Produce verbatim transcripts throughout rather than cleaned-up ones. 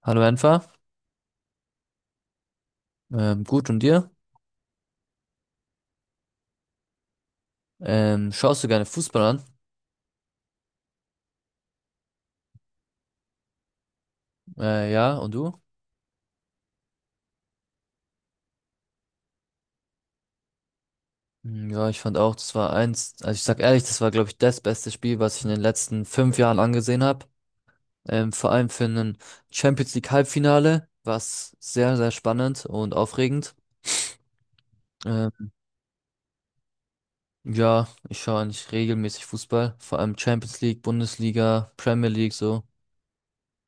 Hallo Enfer. Ähm, gut und dir? Ähm, schaust du gerne Fußball an? Äh, ja, und du? Hm, ja, ich fand auch, das war eins, also ich sag ehrlich, das war, glaube ich, das beste Spiel, was ich in den letzten fünf Jahren angesehen habe. Ähm, vor allem für ein Champions League Halbfinale war es sehr, sehr spannend und aufregend. Ähm, ja, ich schaue eigentlich regelmäßig Fußball, vor allem Champions League, Bundesliga, Premier League so.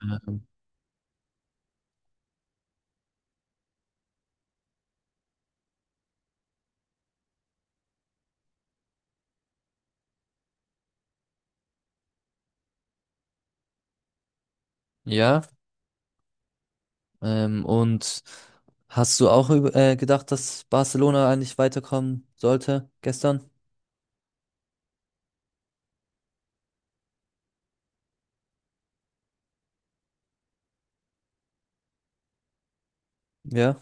Ähm, ja. Ähm, und hast du auch über- äh, gedacht, dass Barcelona eigentlich weiterkommen sollte gestern? Ja.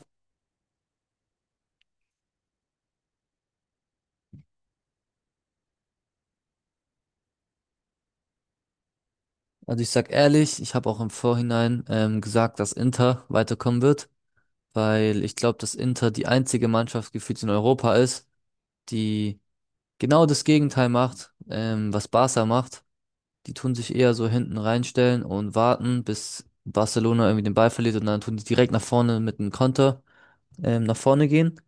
Also ich sag ehrlich, ich habe auch im Vorhinein ähm, gesagt, dass Inter weiterkommen wird, weil ich glaube, dass Inter die einzige Mannschaft gefühlt in Europa ist, die genau das Gegenteil macht, ähm, was Barca macht. Die tun sich eher so hinten reinstellen und warten, bis Barcelona irgendwie den Ball verliert, und dann tun die direkt nach vorne mit einem Konter ähm, nach vorne gehen.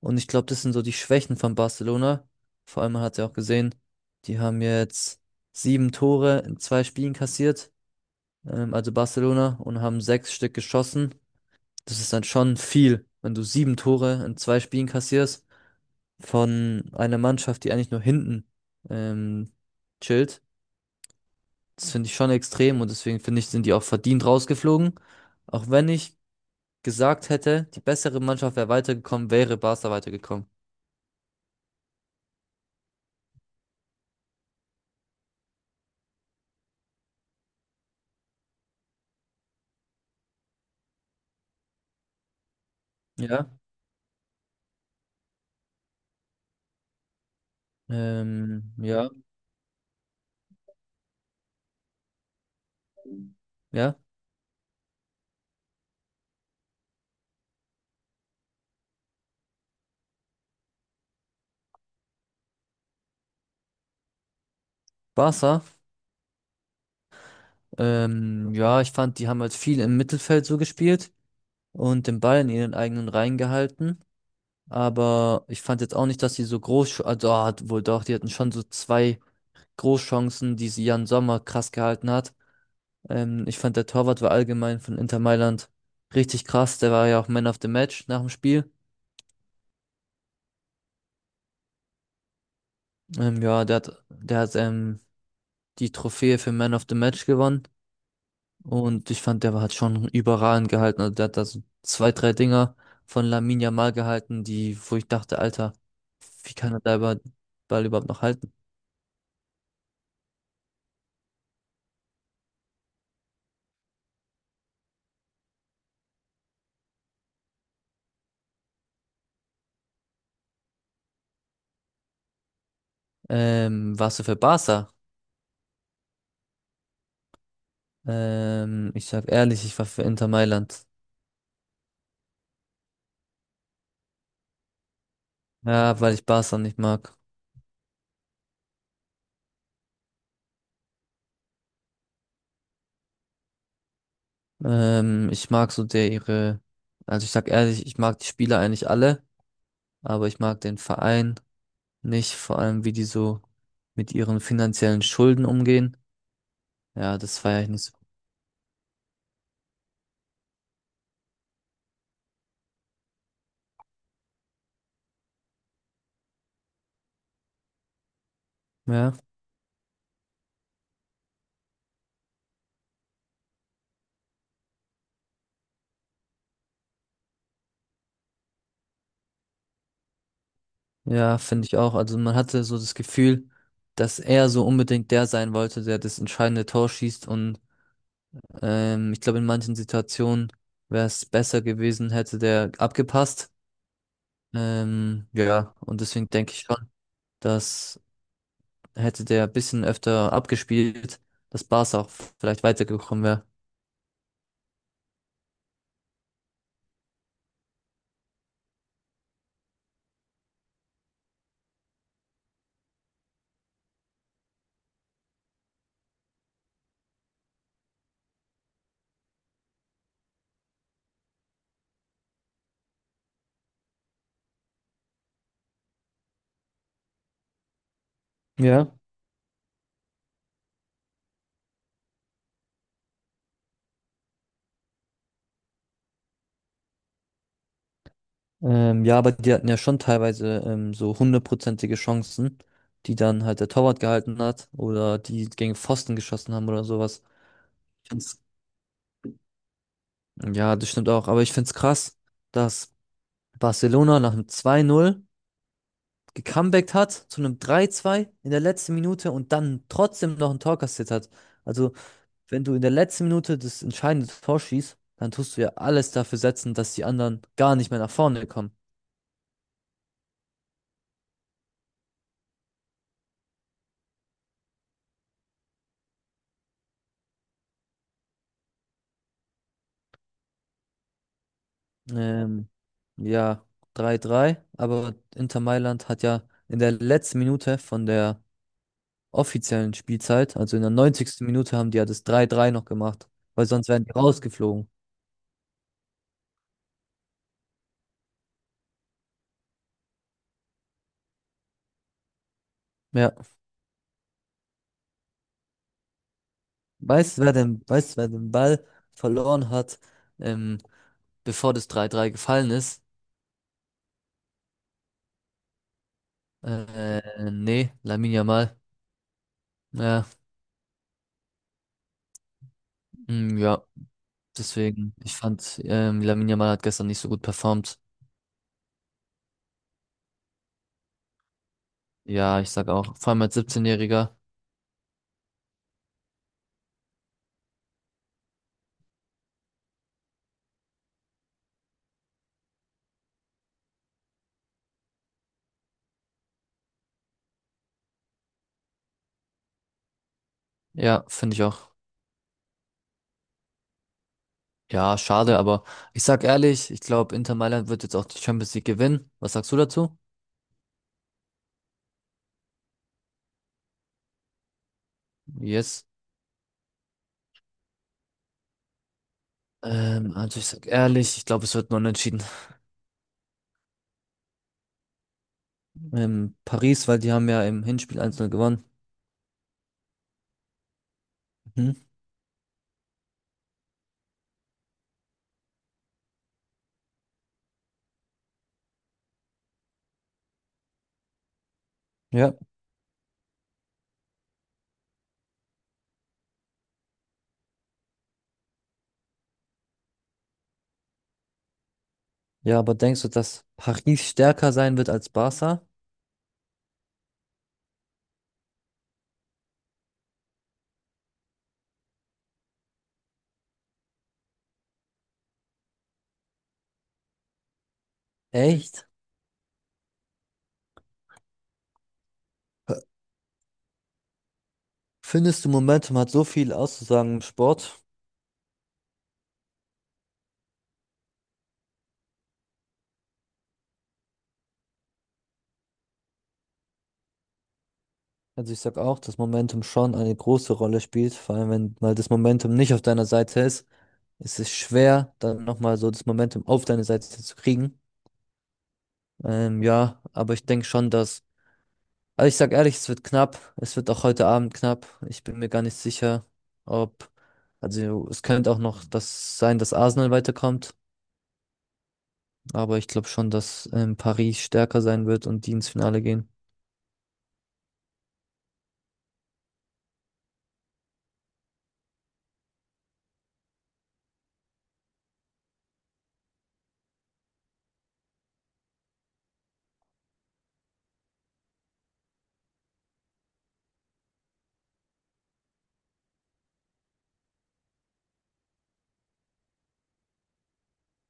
Und ich glaube, das sind so die Schwächen von Barcelona. Vor allem, man hat ja auch gesehen, die haben jetzt sieben Tore in zwei Spielen kassiert, ähm, also Barcelona, und haben sechs Stück geschossen. Das ist dann schon viel, wenn du sieben Tore in zwei Spielen kassierst von einer Mannschaft, die eigentlich nur hinten ähm, chillt. Das finde ich schon extrem und deswegen finde ich, sind die auch verdient rausgeflogen. Auch wenn ich gesagt hätte, die bessere Mannschaft wäre weitergekommen, wäre Barca weitergekommen. Ja. Ähm, ja. Ja, Barca. Ähm, ja, ich fand, die haben halt viel im Mittelfeld so gespielt und den Ball in ihren eigenen Reihen gehalten. Aber ich fand jetzt auch nicht, dass sie so groß, also ah, hat wohl doch, die hatten schon so zwei Großchancen, die sie Jan Sommer krass gehalten hat. Ähm, ich fand, der Torwart war allgemein von Inter Mailand richtig krass. Der war ja auch Man of the Match nach dem Spiel. Ähm, ja, der hat, der hat ähm, die Trophäe für Man of the Match gewonnen. Und ich fand, der war- hat schon überragend gehalten. Also der hat da so zwei, drei Dinger von Lamine Yamal gehalten, die, wo ich dachte, Alter, wie kann er da über, Ball überhaupt noch halten? Ähm, warst du für Barca? Ähm, ich sag ehrlich, ich war für Inter Mailand. Ja, weil ich Barca nicht mag. Ähm, ich mag so der ihre, also ich sag ehrlich, ich mag die Spieler eigentlich alle, aber ich mag den Verein nicht, vor allem wie die so mit ihren finanziellen Schulden umgehen. Ja, das feiere ich nicht so. Ja. Ja, finde ich auch. Also man hatte so das Gefühl, dass er so unbedingt der sein wollte, der das entscheidende Tor schießt. Und ähm, ich glaube, in manchen Situationen wäre es besser gewesen, hätte der abgepasst. Ähm, ja, und deswegen denke ich schon, dass hätte der ein bisschen öfter abgespielt, dass Barca auch vielleicht weitergekommen wäre. Ja. Ähm, ja, aber die hatten ja schon teilweise ähm, so hundertprozentige Chancen, die dann halt der Torwart gehalten hat oder die gegen Pfosten geschossen haben oder sowas. Ich find's Ja, das stimmt auch. Aber ich find's krass, dass Barcelona nach einem zwei null gecomebackt hat zu einem drei zwei in der letzten Minute und dann trotzdem noch ein Tor kassiert hat. Also, wenn du in der letzten Minute das entscheidende Tor schießt, dann tust du ja alles dafür setzen, dass die anderen gar nicht mehr nach vorne kommen. Ähm, ja, drei drei. Aber Inter Mailand hat ja in der letzten Minute von der offiziellen Spielzeit, also in der neunzigsten Minute, haben die ja das drei drei noch gemacht, weil sonst wären die rausgeflogen. Ja. Weißt du, wer den, weißt, du, wer den Ball verloren hat, ähm, bevor das drei drei gefallen ist? Äh, nee, Lamine Yamal. Ja, mm, ja, deswegen, ich fand, ähm, Lamine Yamal hat gestern nicht so gut performt. Ja, ich sag auch, vor allem als siebzehn-Jähriger. Ja, finde ich auch. Ja, schade, aber ich sag ehrlich, ich glaube, Inter Mailand wird jetzt auch die Champions League gewinnen. Was sagst du dazu? Yes. Ähm, also ich sag ehrlich, ich glaube, es wird nur unentschieden. Ähm, Paris, weil die haben ja im Hinspiel eins null gewonnen. Mhm. Ja, ja, aber denkst du, dass Paris stärker sein wird als Barca? Echt? Findest du, Momentum hat so viel auszusagen im Sport? Also ich sag auch, dass Momentum schon eine große Rolle spielt, vor allem wenn mal das Momentum nicht auf deiner Seite ist, ist es ist schwer, dann nochmal so das Momentum auf deine Seite zu kriegen. Ähm, ja, aber ich denke schon, dass, also ich sag ehrlich, es wird knapp, es wird auch heute Abend knapp. Ich bin mir gar nicht sicher, ob, also es könnte auch noch das sein, dass Arsenal weiterkommt. Aber ich glaube schon, dass ähm, Paris stärker sein wird und die ins Finale gehen.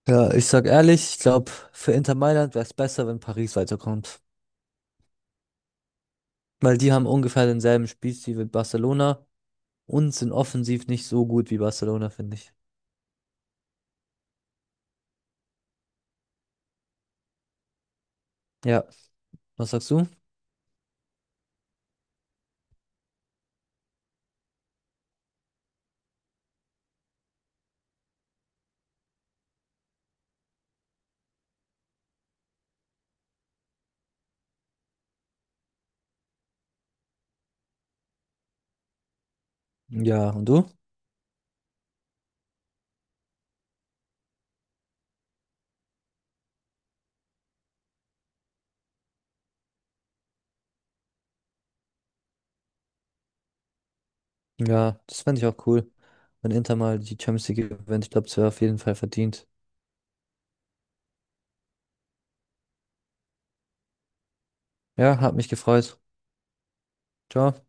Ja, ich sag ehrlich, ich glaube, für Inter Mailand wäre es besser, wenn Paris weiterkommt. Weil die haben ungefähr denselben Spielstil wie Barcelona und sind offensiv nicht so gut wie Barcelona, finde ich. Ja, was sagst du? Ja, und du? Ja, das fände ich auch cool, wenn Inter mal die Champions League gewinnt. Ich glaube, es wäre auf jeden Fall verdient. Ja, hat mich gefreut. Ciao.